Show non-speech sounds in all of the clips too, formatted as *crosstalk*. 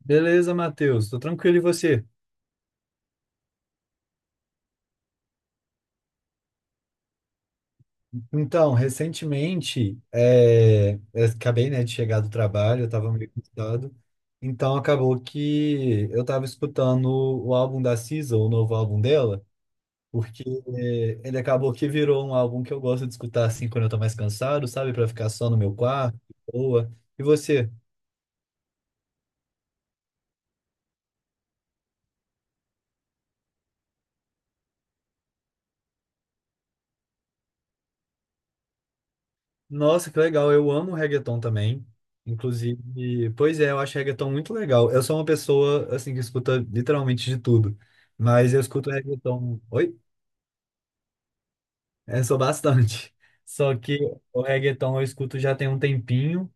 Beleza, Matheus, tô tranquilo e você? Então, recentemente, eu acabei, né, de chegar do trabalho, eu tava meio cansado, então acabou que eu tava escutando o álbum da Cisa, o novo álbum dela, porque ele acabou que virou um álbum que eu gosto de escutar assim quando eu tô mais cansado, sabe, pra ficar só no meu quarto, de boa. E você? Nossa, que legal. Eu amo reggaeton também. Inclusive, pois é, eu acho reggaeton muito legal. Eu sou uma pessoa, assim, que escuta literalmente de tudo. Mas eu escuto reggaeton. Oi? Eu sou bastante. *laughs* Só que o reggaeton eu escuto já tem um tempinho.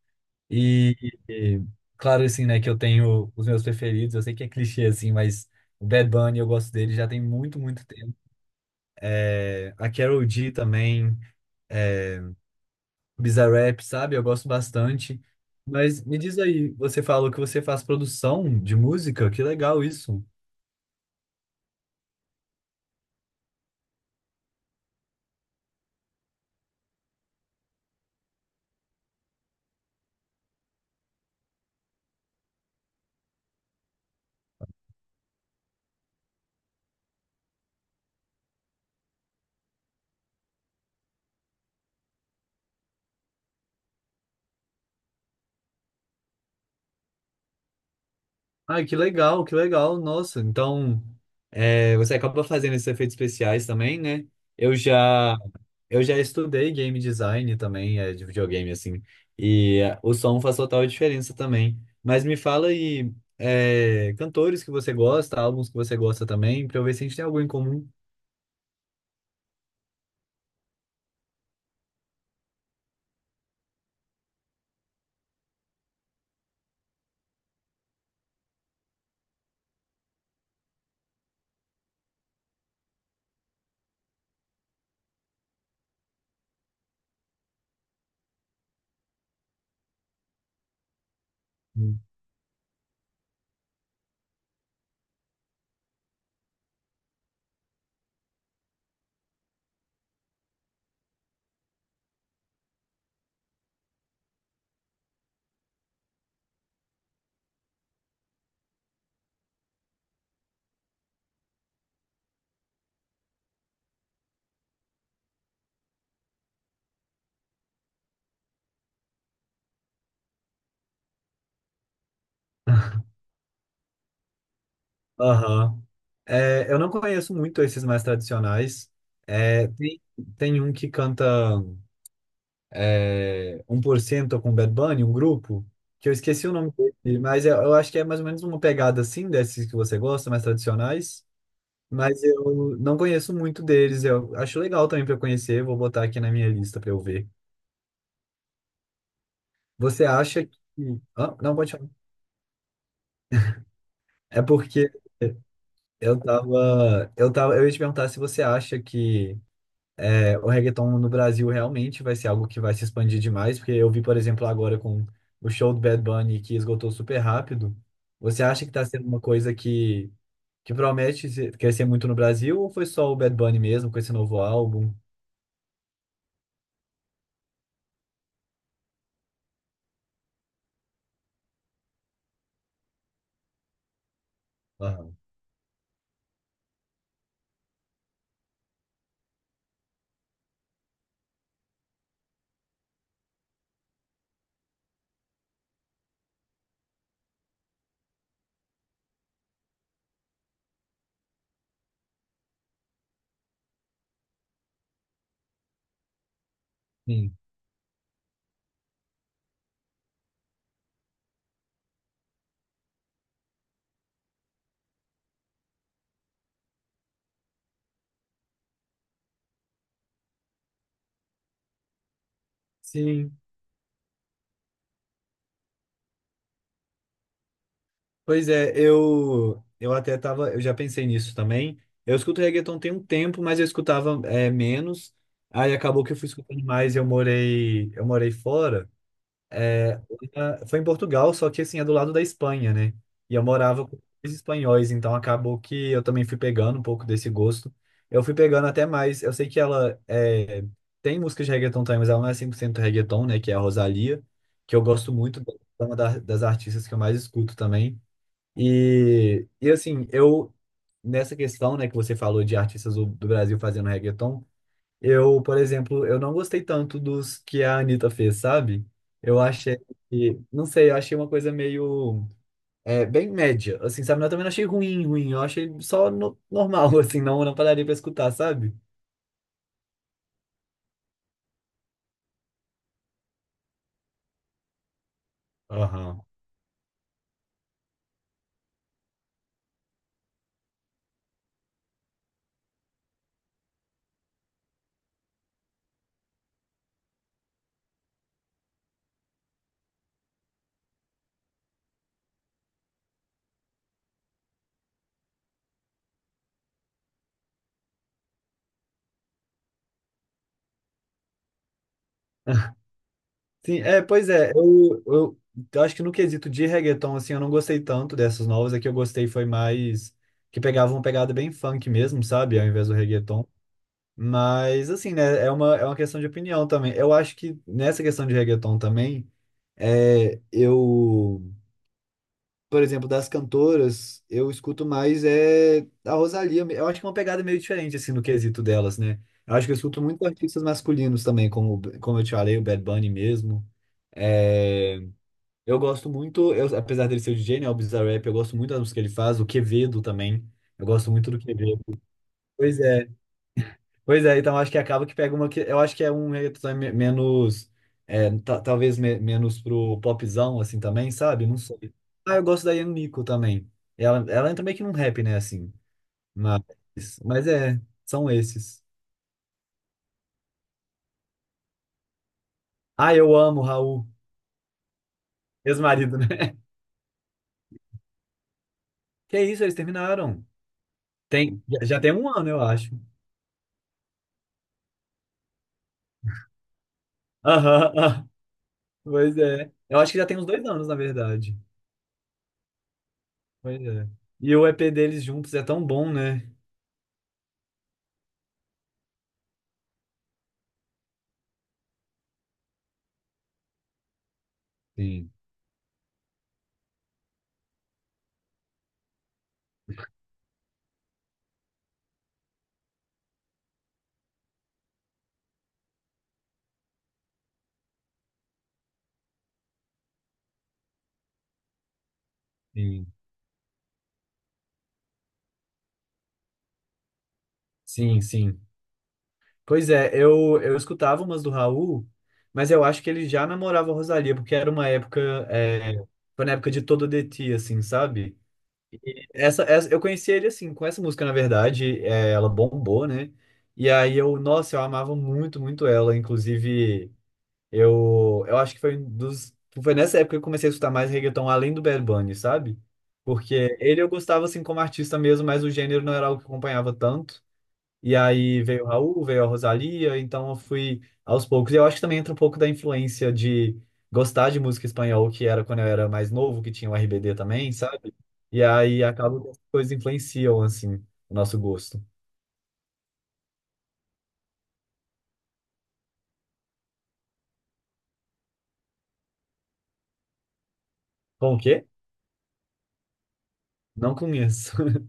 E, e, claro, assim, né, que eu tenho os meus preferidos. Eu sei que é clichê, assim, mas o Bad Bunny eu gosto dele já tem muito, muito tempo. É, a Karol G também. Bizarrap, sabe? Eu gosto bastante. Mas me diz aí, você falou que você faz produção de música? Que legal isso. Ai, que legal, que legal. Nossa, então é, você acaba fazendo esses efeitos especiais também, né? Eu já, eu já estudei game design também, é, de videogame, assim. E é, o som faz total diferença também. Mas me fala aí, é, cantores que você gosta, álbuns que você gosta também, pra eu ver se a gente tem algo em comum. *laughs* Aham. É, eu não conheço muito esses mais tradicionais. É, tem, tem um que canta é, um por cento com Bad Bunny, um grupo, que eu esqueci o nome dele, mas eu acho que é mais ou menos uma pegada assim, desses que você gosta, mais tradicionais. Mas eu não conheço muito deles. Eu acho legal também para conhecer, vou botar aqui na minha lista para eu ver. Você acha que. Ah, não, pode falar. É porque eu tava. Eu ia te perguntar se você acha que o reggaeton no Brasil realmente vai ser algo que vai se expandir demais, porque eu vi, por exemplo, agora com o show do Bad Bunny que esgotou super rápido. Você acha que está sendo uma coisa que promete ser- crescer muito no Brasil ou foi só o Bad Bunny mesmo com esse novo álbum? Ah, sim. Sim. Pois é, eu até tava, eu já pensei nisso também. Eu escuto reggaeton tem um tempo, mas eu escutava é, menos. Aí acabou que eu fui escutando mais, eu morei fora. Ah, foi em Portugal, só que assim, é do lado da Espanha, né? E eu morava com os espanhóis, então acabou que eu também fui pegando um pouco desse gosto. Eu fui pegando até mais. Eu sei que tem música de reggaeton também, mas ela não é 100% reggaeton, né? Que é a Rosalía, que eu gosto muito, é uma da- das artistas que eu mais escuto também. E, e assim, eu, nessa questão, né, que você falou de artistas do Brasil fazendo reggaeton. Eu, por exemplo, eu não gostei tanto dos que a Anitta fez, sabe? Eu achei que, não sei, eu achei uma coisa meio, é, bem média, assim, sabe? Eu também não achei ruim, ruim, eu achei só no- normal, *laughs* assim, não, não pararia pra escutar, sabe? Aham. *laughs* Sim, é, pois é, eu acho que no quesito de reggaeton, assim, eu não gostei tanto dessas novas, a que eu gostei foi mais, que pegavam uma pegada bem funk mesmo, sabe? Ao invés do reggaeton. Mas, assim, né, é é uma questão de opinião também. Eu acho que nessa questão de reggaeton também, é, eu, por exemplo, das cantoras, eu escuto mais é a Rosalía. Eu acho que é uma pegada meio diferente, assim, no quesito delas, né? Eu acho que eu escuto muito artistas masculinos também, como eu te falei, o Bad Bunny mesmo. É, eu gosto muito, eu, apesar dele ser o DJ, né, o Bizarrap, eu gosto muito das músicas que ele faz, o Quevedo também. Eu gosto muito do Quevedo. Pois é. Pois é, então acho que acaba que pega uma que eu acho que é um reggaeton me- menos é, ta- talvez me- menos pro popzão assim também, sabe? Não sei. Ah, eu gosto da Ian Nico também. Ela entra meio que num rap, né, assim. Mas é, são esses. Ah, eu amo o Raul, ex-marido, né? *laughs* Que isso, eles terminaram. Tem, já já tem um ano, eu acho. Aham, ah, pois é. Eu acho que já tem uns dois anos, na verdade. Pois é. E o EP deles juntos é tão bom, né? Sim, sim. Sim, sim. Pois é, eu escutava umas do Raul, mas eu acho que ele já namorava a Rosalía, porque era uma época, é, foi na época de Todo de Ti, assim, sabe? Eu conheci ele, assim, com essa música, na verdade, é, ela bombou, né? E aí eu, nossa, eu amava muito, muito ela, inclusive, eu acho que foi um dos, foi nessa época que eu comecei a escutar mais reggaeton, além do Bad Bunny, sabe? Porque ele eu gostava, assim, como artista mesmo, mas o gênero não era algo que eu acompanhava tanto. E aí veio o Raul, veio a Rosalía então eu fui aos poucos. E eu acho que também entra um pouco da influência de gostar de música espanhol, que era quando eu era mais novo, que tinha o RBD também, sabe? E aí acaba que as coisas influenciam, assim, o nosso gosto. Com o quê? Não conheço. *laughs*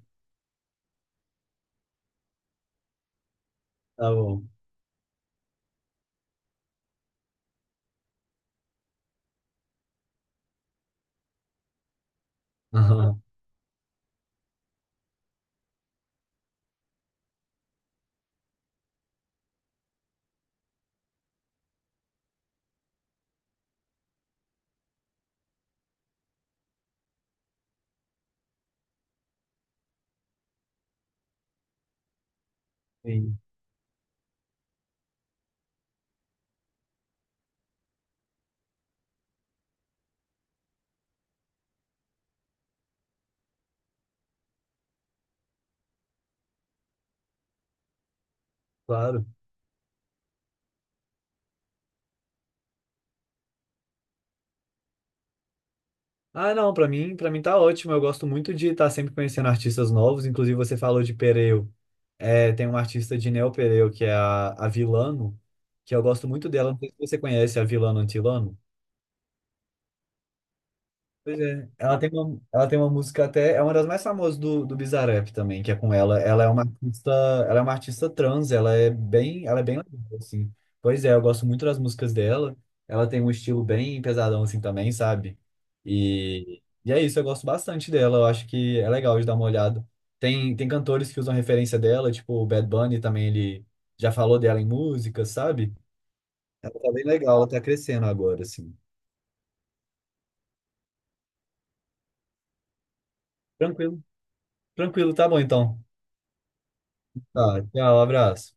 Tá bom. Aham. Sim, claro. Ah, não, pra mim, para mim tá ótimo. Eu gosto muito de estar sempre conhecendo artistas novos. Inclusive, você falou de Pereu. É, tem uma artista de Neo Pereu, que é a Vilano, que eu gosto muito dela. Não sei se você conhece a Vilano Antilano. Pois é. Ela tem uma música até, é uma das mais famosas do Bizarrap também, que é com ela. Ela é uma artista, ela é uma artista trans, ela é bem legal, assim. Pois é, eu gosto muito das músicas dela. Ela tem um estilo bem pesadão assim também, sabe? E é isso, eu gosto bastante dela. Eu acho que é legal de dar uma olhada. Tem cantores que usam referência dela, tipo o Bad Bunny também, ele já falou dela em música, sabe? Ela tá bem legal, ela tá crescendo agora, assim. Tranquilo, tranquilo, tá bom então. Tá, tchau, abraço.